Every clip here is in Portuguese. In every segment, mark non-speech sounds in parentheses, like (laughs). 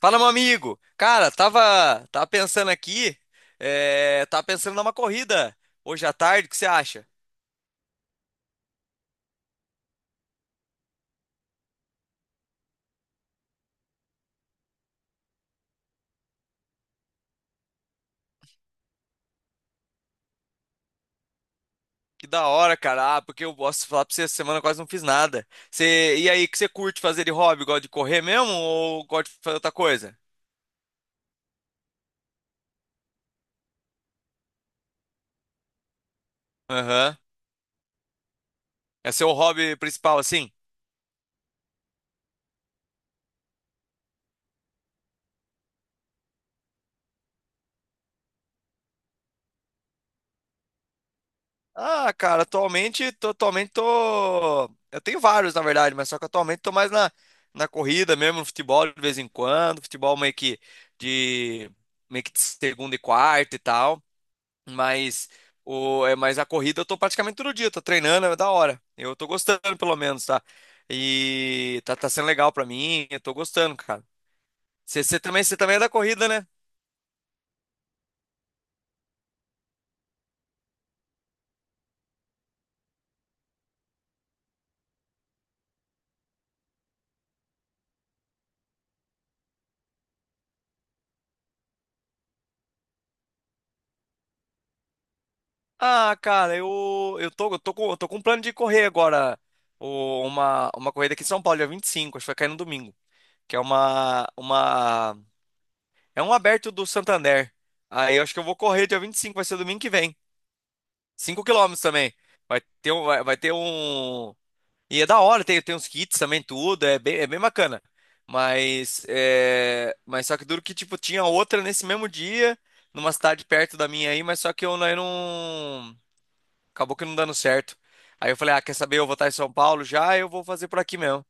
Fala, meu amigo. Cara, tava pensando aqui, tava pensando numa corrida hoje à tarde, o que você acha? Que da hora, cara. Ah, porque eu posso falar pra você, essa semana eu quase não fiz nada. E aí, o que você curte fazer de hobby? Gosta de correr mesmo ou gosta de fazer outra coisa? Aham. É seu hobby principal, assim? Ah, cara, atualmente tô. Eu tenho vários, na verdade, mas só que atualmente tô mais na corrida mesmo, no futebol de vez em quando. Futebol de, meio que de segunda e quarta e tal. Mas, mas a corrida eu tô praticamente todo dia, tô treinando, é da hora. Eu tô gostando, pelo menos, tá? E tá sendo legal pra mim, eu tô gostando, cara. Você também é da corrida, né? Ah, cara, eu tô com um plano de correr agora. Uma corrida aqui em São Paulo, dia 25 acho que vai cair no domingo. Que é um aberto do Santander. Aí eu acho que eu vou correr dia 25 vai ser domingo que vem. 5 quilômetros também. Vai ter um. E é da hora, tem uns kits também, tudo, é bem bacana. Mas só que duro que, tipo, tinha outra nesse mesmo dia, numa cidade perto da minha aí, mas só que eu não acabou que não dando certo. Aí eu falei, ah, quer saber? Eu vou estar em São Paulo já, eu vou fazer por aqui mesmo.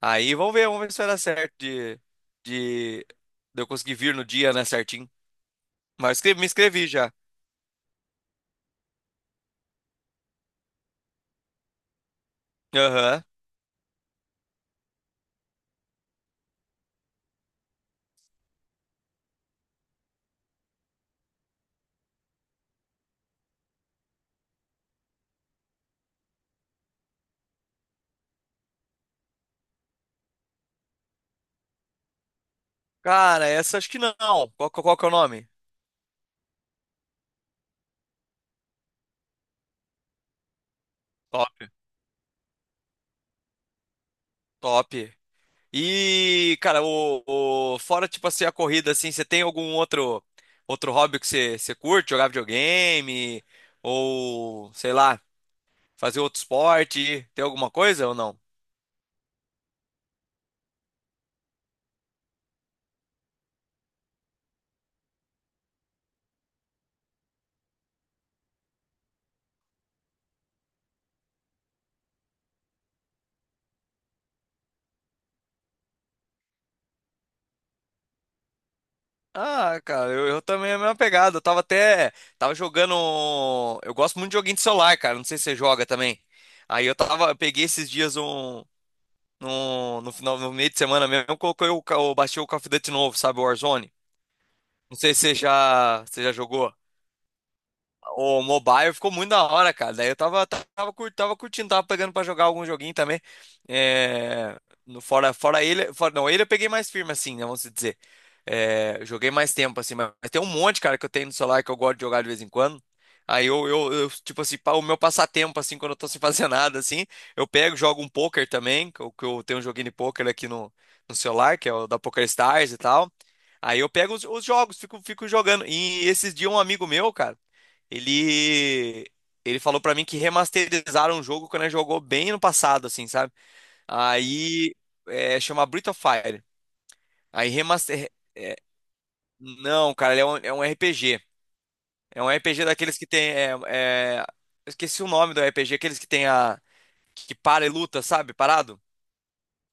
Aí vamos ver se vai dar certo de, de eu conseguir vir no dia, né, certinho. Mas me inscrevi já. Aham. Cara, essa acho que não. Qual que é o nome? Top, top. E, cara, fora, tipo assim, a corrida, assim, você tem algum outro hobby que você curte? Jogar videogame? Ou, sei lá, fazer outro esporte? Tem alguma coisa ou não? Ah, cara, eu também é a mesma pegada. Eu tava até. Tava jogando. Eu gosto muito de joguinho de celular, cara. Não sei se você joga também. Aí eu tava. Eu peguei esses dias um. No final, no meio de semana mesmo, eu baixei o Call of Duty novo, sabe? O Warzone. Não sei se você já jogou. O mobile ficou muito da hora, cara. Daí eu tava curtindo, tava pegando pra jogar algum joguinho também. É, no, fora, fora ele, fora, não, ele eu peguei mais firme, assim, né, vamos dizer. Joguei mais tempo, assim, mas tem um monte, cara, que eu tenho no celular que eu gosto de jogar de vez em quando. Aí, tipo assim, o meu passatempo, assim, quando eu tô sem fazer (laughs) nada, assim, eu pego, jogo um poker também, que eu tenho um joguinho de poker aqui no, celular, que é o da Poker Stars e tal. Aí eu pego os jogos, fico jogando. E esses dias um amigo meu, cara. Ele ele falou pra mim que remasterizaram o jogo quando ele jogou bem no passado, assim, sabe? Aí, chama Breath of Fire. Aí remaster. Não, cara, ele é um, RPG. É um RPG daqueles que tem. Eu esqueci o nome do RPG, aqueles que tem a. Que para e luta, sabe? Parado?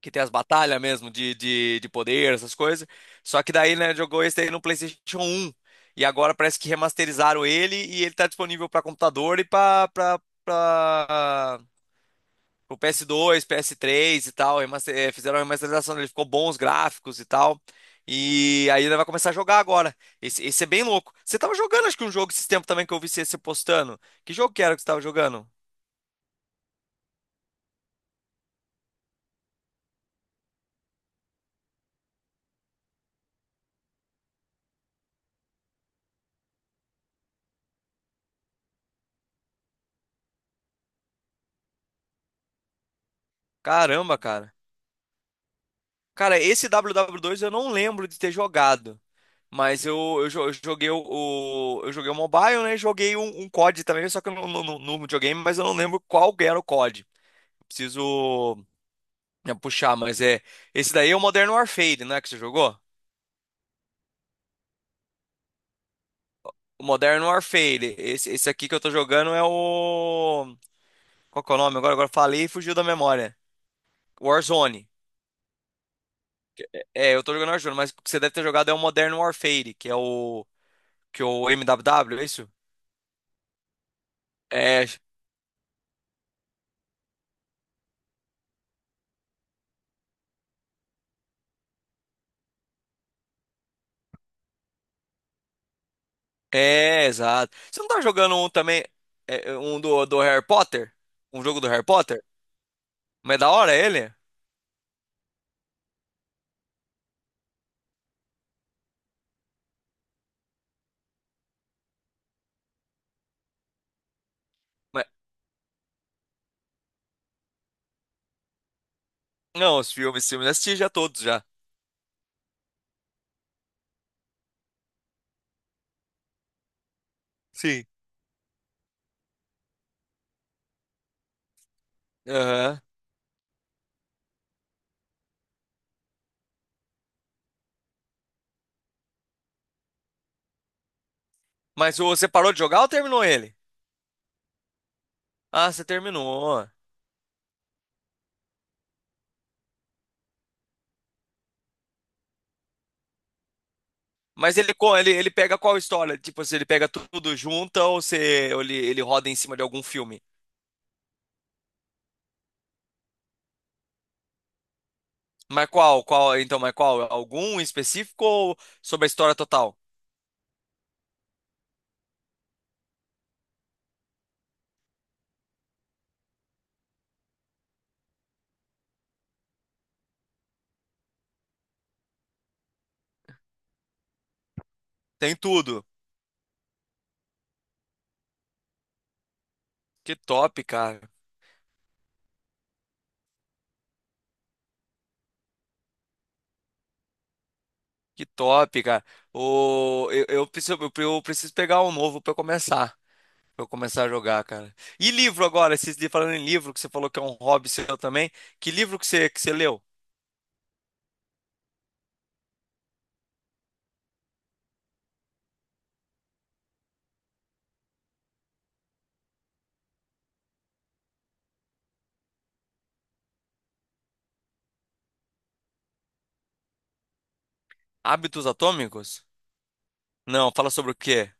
Que tem as batalhas mesmo de, poder, essas coisas. Só que daí, né, jogou esse aí no PlayStation 1. E agora parece que remasterizaram ele e ele tá disponível pra computador e pra, pra, pra pro PS2, PS3 e tal, fizeram a remasterização dele, ficou bons gráficos e tal. E aí ele vai começar a jogar agora. Esse é bem louco. Você tava jogando, acho que um jogo esses tempos também que eu vi você postando. Que jogo que era que você tava jogando? Caramba, cara. Cara, esse WW2 eu não lembro de ter jogado. Mas eu joguei o mobile, né? E joguei um COD também, só que eu não no videogame, mas eu não lembro qual era o COD. Preciso né, puxar, mas é. Esse daí é o Modern Warfare, não é que você jogou? O Modern Warfare. Esse aqui que eu tô jogando é o. Qual que é o nome? Agora falei e fugiu da memória. Warzone. É, eu tô jogando Warzone, mas o que você deve ter jogado é o Modern Warfare, que é o. Que é o MWW, é isso? É. É, exato. Você não tá jogando um também. Um do Harry Potter? Um jogo do Harry Potter? Mas é da hora ele? Mas- não, os filmes eu assisti já todos já. Sim. Aham. Mas você parou de jogar ou terminou ele? Ah, você terminou. Mas ele pega qual história? Tipo, se ele pega tudo junto ou se ele roda em cima de algum filme? Mas qual? Qual? Então, mas qual? Algum em específico ou sobre a história total? Tem tudo. Que top, cara. Que top, cara. Eu preciso pegar um novo pra eu começar. Pra eu começar a jogar, cara. E livro agora? Falando em livro, que você falou que é um hobby seu também. Que livro que você leu? Hábitos Atômicos? Não, fala sobre o quê?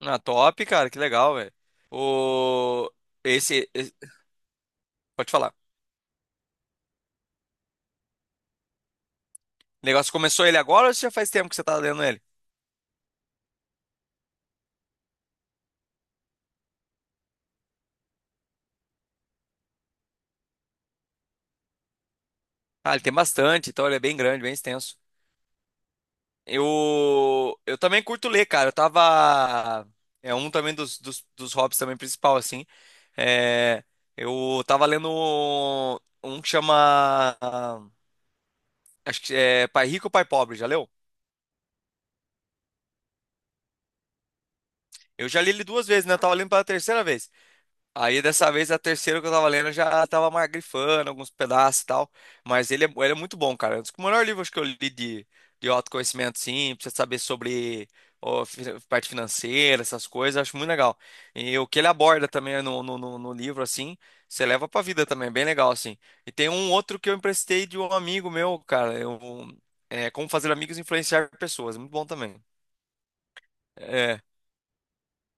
Na top, cara, que legal, velho. O... Esse, esse- Pode falar. O negócio começou ele agora ou já faz tempo que você tá lendo ele? Ah, ele tem bastante, então ele é bem grande, bem extenso. Eu também curto ler, cara. Eu tava. É um também dos hobbies também principal, assim. É, Eu tava lendo um que chama. Acho que é Pai Rico, Pai Pobre, já leu? Eu já li ele duas vezes, né? Eu tava lendo pela terceira vez. Aí dessa vez a terceira que eu tava lendo eu já tava mais grifando alguns pedaços e tal. Mas ele é muito bom, cara. É um dos melhores livros que eu li de, autoconhecimento, sim, pra você saber sobre parte financeira, essas coisas, eu acho muito legal. E o que ele aborda também no livro, assim, você leva pra vida também, bem legal, assim. E tem um outro que eu emprestei de um amigo meu, cara. Como Fazer Amigos e Influenciar Pessoas, muito bom também. É,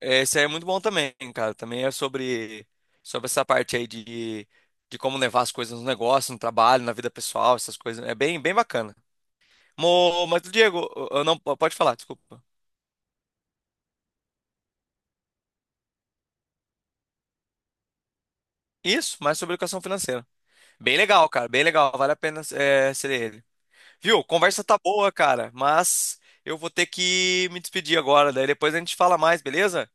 Esse aí é muito bom também, cara. Também é sobre essa parte aí de como levar as coisas no negócio, no trabalho, na vida pessoal, essas coisas. É bem, bem bacana. Mas, Diego, eu não, pode falar, desculpa. Isso, mas sobre educação financeira. Bem legal, cara. Bem legal. Vale a pena ser ele. Viu? Conversa tá boa, cara. Mas eu vou ter que me despedir agora. Daí depois a gente fala mais, beleza?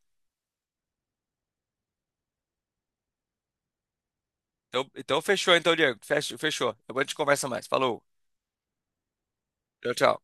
Então fechou, então, Diego. Fechou. Depois a gente conversa mais. Falou. Tchau, tchau.